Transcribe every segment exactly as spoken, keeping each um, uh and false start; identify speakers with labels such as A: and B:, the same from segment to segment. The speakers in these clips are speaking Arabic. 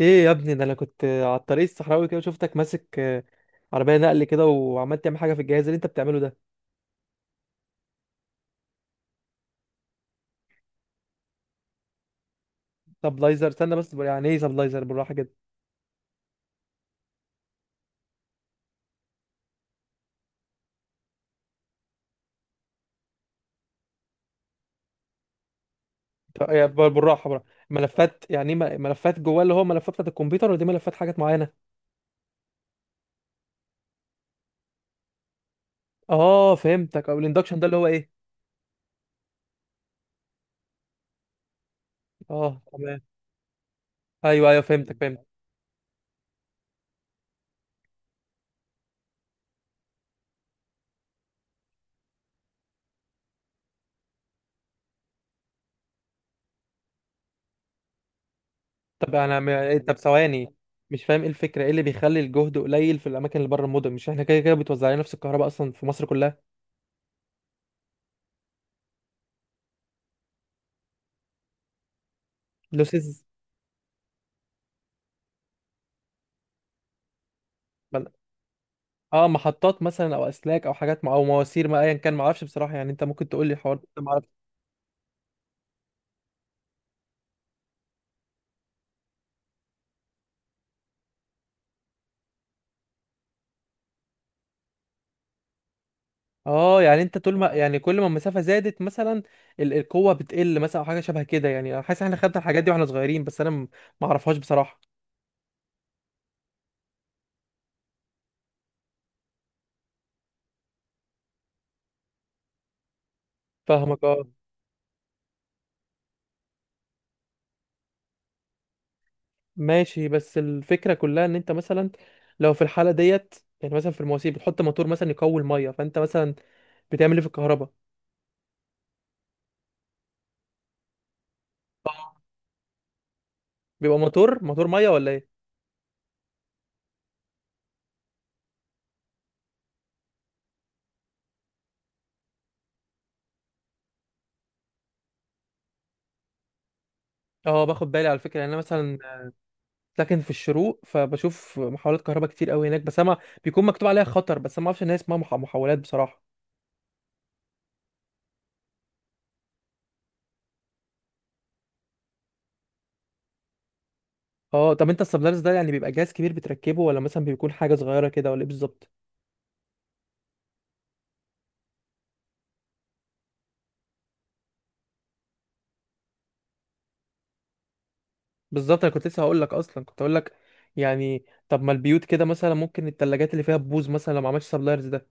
A: ايه يا ابني، ده انا كنت على الطريق الصحراوي كده وشفتك ماسك آه، عربيه نقل كده وعمال تعمل حاجه في الجهاز اللي انت بتعمله ده سبلايزر. استنى بس، يعني ايه سبلايزر؟ بالراحه كده. ط- يا ب- بالراحه بالراحه. ملفات؟ يعني ايه، م- ملفات جواه؟ اللي هو ملفات بتاعت الكمبيوتر، ولا دي ملفات حاجات معينه؟ اه فهمتك. او الاندكشن ده اللي هو ايه؟ اه، تمام. ايوه ايوه، فهمتك، فهمت. طب انا م- إيه، طب ثواني. مش فاهم ايه الفكره، ايه اللي بيخلي الجهد قليل في الاماكن اللي بره المدن؟ مش احنا كده كده بتوزع علينا نفس الكهرباء اصلا في مصر كلها؟ لوسز؟ اه، محطات مثلا او اسلاك او حاجات مع او مواسير، ما ايا كان، ما اعرفش بصراحه، يعني انت ممكن تقول لي الحوار ده، ما اعرفش. اه يعني انت طول ما، يعني كل ما المسافه زادت مثلا، ال- القوه بتقل مثلا او حاجه شبه كده، يعني انا حاسس احنا خدنا الحاجات دي واحنا صغيرين، بس انا م- ما اعرفهاش بصراحه. فاهمك، اه. ماشي، بس الفكره كلها ان انت مثلا لو في الحاله ديت، يعني مثلا في المواسير بتحط موتور مثلا يقوي الميه، فانت مثلا بتعمل ايه في الكهرباء؟ بيبقى موتور موتور ميه ولا ايه؟ اه، باخد بالي على فكره. يعني انا مثلا ساكن في الشروق، فبشوف محولات كهرباء كتير قوي هناك، بس انا بيكون مكتوب عليها خطر. بس أنا ما اعرفش ان هي اسمها مح- محولات بصراحه. اه، طب انت السبلايرز ده يعني بيبقى جهاز كبير بتركبه، ولا مثلا بيكون حاجه صغيره كده، ولا ايه بالظبط؟ بالظبط، انا كنت لسه هقول لك، اصلا كنت هقول لك، يعني طب ما البيوت كده مثلا ممكن الثلاجات اللي فيها بوز مثلا لو ما عملتش سبلايرز ده.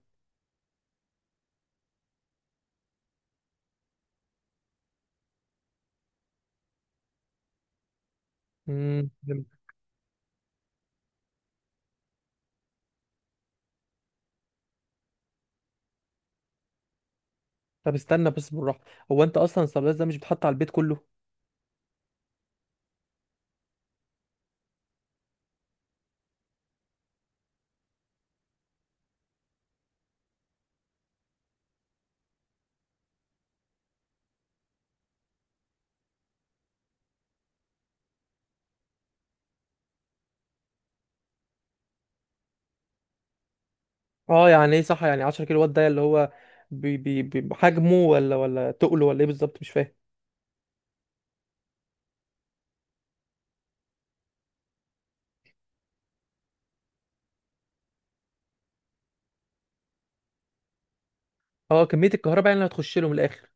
A: امم. طب استنى بس، بالراحه. هو انت اصلا السبلايرز ده مش بيتحط على البيت كله؟ اه، يعني ايه؟ صح، يعني عشرة كيلو وات كيلو وات ده اللي هو بي بي بي- بحجمه ولا ولا تقله، ولا ايه بالظبط؟ مش فاهم. اه، كميه الكهرباء يعني اللي هتخش له من الاخر.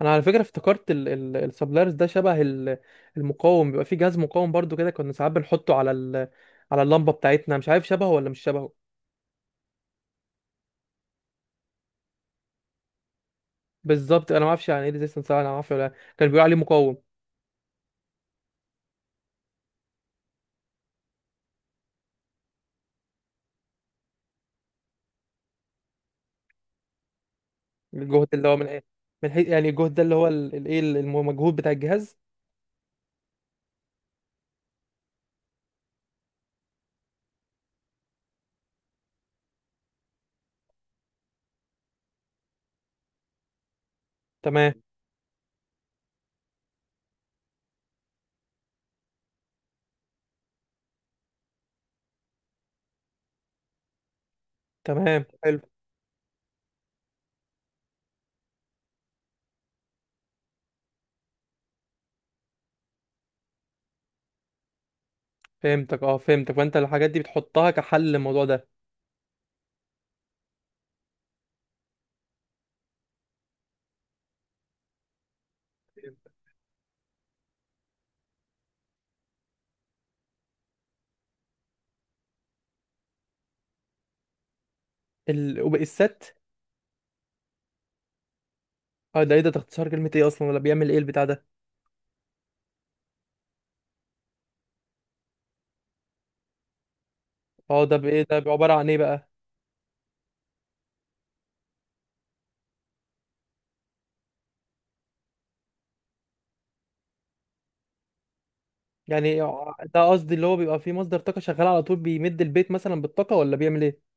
A: انا على فكره افتكرت ال- ال- السبلايرز ده شبه ال- المقاوم، بيبقى فيه جهاز مقاوم برضو كده كنا ساعات بنحطه على ال... على اللمبه بتاعتنا، مش عارف شبهه ولا مش شبهه. بالظبط، انا ما اعرفش يعني ايه ريزيستنس، انا ما اعرفش، ولا كان بيقول عليه مقاوم. الجهد اللي هو من ايه؟ من حيث يعني الجهد ده اللي هو ال- الايه، المجهود بتاع الجهاز. تمام. تمام حلو. فهمتك، اه، فهمتك. فانت الحاجات دي بتحطها كحل للموضوع ده. ال... وبقى الست. اه، ده ايه ده ده اختصار كلمه ايه اصلا، ولا بيعمل ايه البتاع ده؟ اه، ده بايه؟ ده عباره عن ايه بقى؟ يعني ده قصدي، اللي هو بيبقى فيه مصدر طاقة شغال على طول بيمد البيت مثلا بالطاقة، ولا بيعمل ايه؟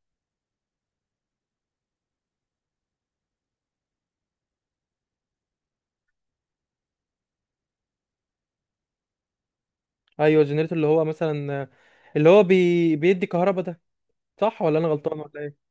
A: ايوه الجنريتور، اللي هو مثلا اللي هو بي... بيدي كهرباء ده، صح ولا انا غلطان ولا ايه؟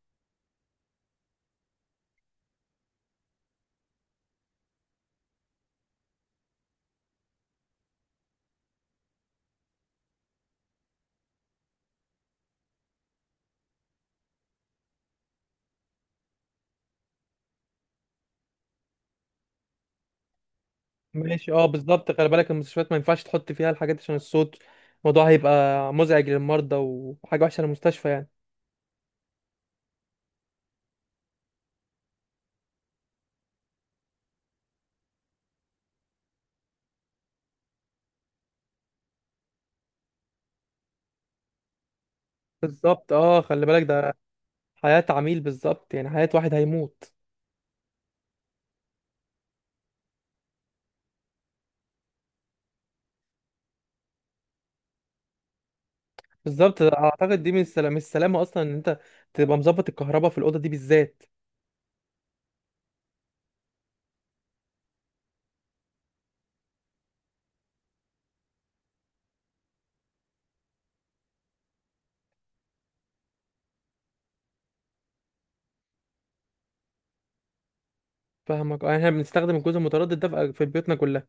A: ماشي، اه، بالظبط، خلي بالك المستشفيات ما ينفعش تحط فيها الحاجات دي عشان الصوت. الموضوع هيبقى مزعج للمرضى، وحاجة وحشة للمستشفى يعني. بالظبط، اه، خلي بالك ده حياة عميل، بالظبط، يعني حياة واحد هيموت. بالظبط، اعتقد دي من السلام السلامة اصلا، ان انت تبقى مظبط الكهرباء في الأوضة دي بالذات. فاهمك، اه، يعني احنا بنستخدم الجزء المتردد ده في في بيوتنا كلها.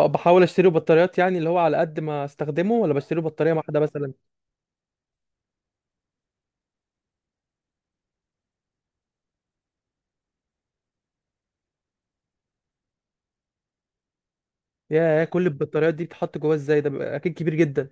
A: اه، بحاول اشتري بطاريات، يعني اللي هو على قد ما استخدمه، ولا بشتري بطارية واحدة مثلا؟ يا، كل البطاريات دي بتتحط جواه ازاي؟ ده بيبقى اكيد كبير جدا.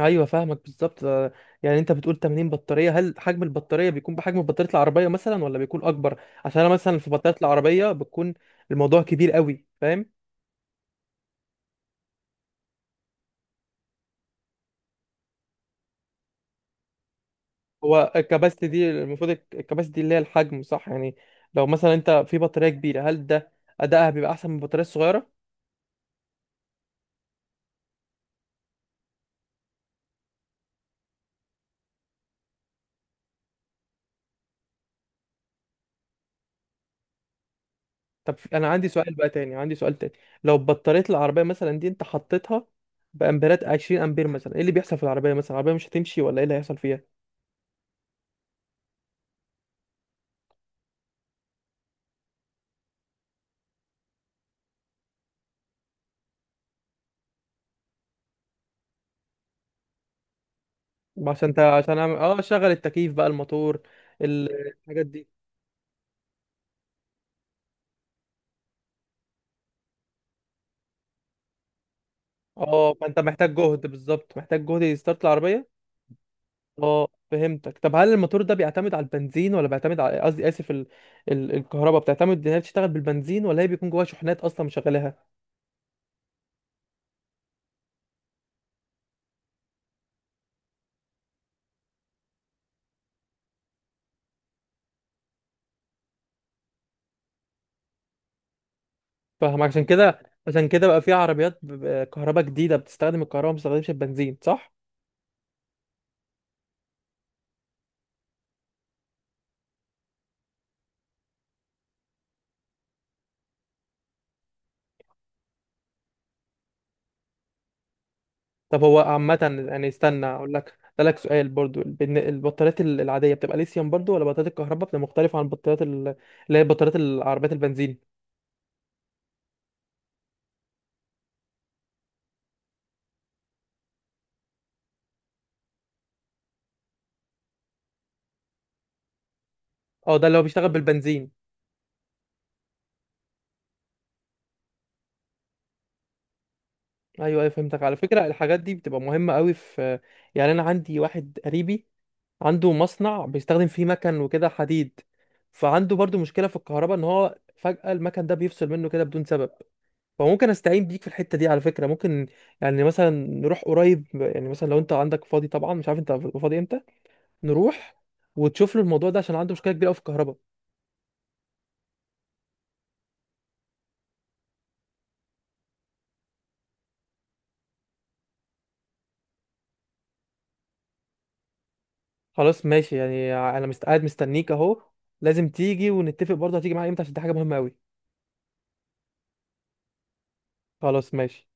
A: ايوه فاهمك، بالظبط، اه، يعني انت بتقول 80 بطارية، هل حجم البطارية بيكون بحجم بطارية العربية مثلا، ولا بيكون اكبر؟ عشان انا مثلا في بطارية العربية بتكون الموضوع كبير قوي، فاهم. هو الكباستي دي المفروض، الك- الكباستي اللي هي الحجم، صح؟ يعني لو مثلا انت في بطارية كبيرة، هل ده ادائها بيبقى احسن من البطارية الصغيرة؟ طب في- انا عندي سؤال بقى تاني، عندي سؤال تاني. لو بطارية العربية مثلا دي انت حطيتها بامبيرات 20 امبير مثلا، ايه اللي بيحصل في العربية؟ مثلا العربية مش هتمشي، ولا ايه اللي هيحصل فيها؟ عشان انت، عشان اعمل اه شغل التكييف بقى، الموتور، ال- الحاجات دي. اه فانت محتاج جهد، بالظبط محتاج جهد يستارت العربية. اه فهمتك. طب هل الموتور ده بيعتمد على البنزين، ولا بيعتمد على، قصدي اسف، ال... ال... الكهرباء بتعتمد ان هي بتشتغل بالبنزين، ولا هي بيكون جواها شحنات اصلا مشغلاها؟ فاهم عشان كده. عشان كده بقى في عربيات ب- ب- كهرباء جديدة بتستخدم الكهرباء ما بتستخدمش البنزين، صح؟ طب هو عامة، يعني استنى اقول لك اسالك سؤال برضو. البن- البطاريات ال- العادية بتبقى ليثيوم برضو، ولا بطاريات الكهرباء بتبقى مختلفة عن البطاريات، ال- اللي هي بطاريات العربيات البنزين؟ اه، ده اللي هو بيشتغل بالبنزين. ايوه ايوه، فهمتك. على فكرة الحاجات دي بتبقى مهمة قوي في، يعني انا عندي واحد قريبي عنده مصنع بيستخدم فيه مكن وكده حديد، فعنده برضو مشكلة في الكهرباء، ان هو فجأة المكن ده بيفصل منه كده بدون سبب. فممكن استعين بيك في الحته دي على فكره؟ ممكن يعني مثلا نروح قريب، يعني مثلا لو انت عندك فاضي، طبعا مش عارف انت فاضي امتى، نروح وتشوف له الموضوع ده عشان عنده مشكله كبيره قوي في الكهرباء. خلاص ماشي، يعني انا مست... قاعد مستنيك اهو. لازم تيجي ونتفق برضه، هتيجي معايا امتى عشان دي حاجه مهمه قوي. خلاص ماشي.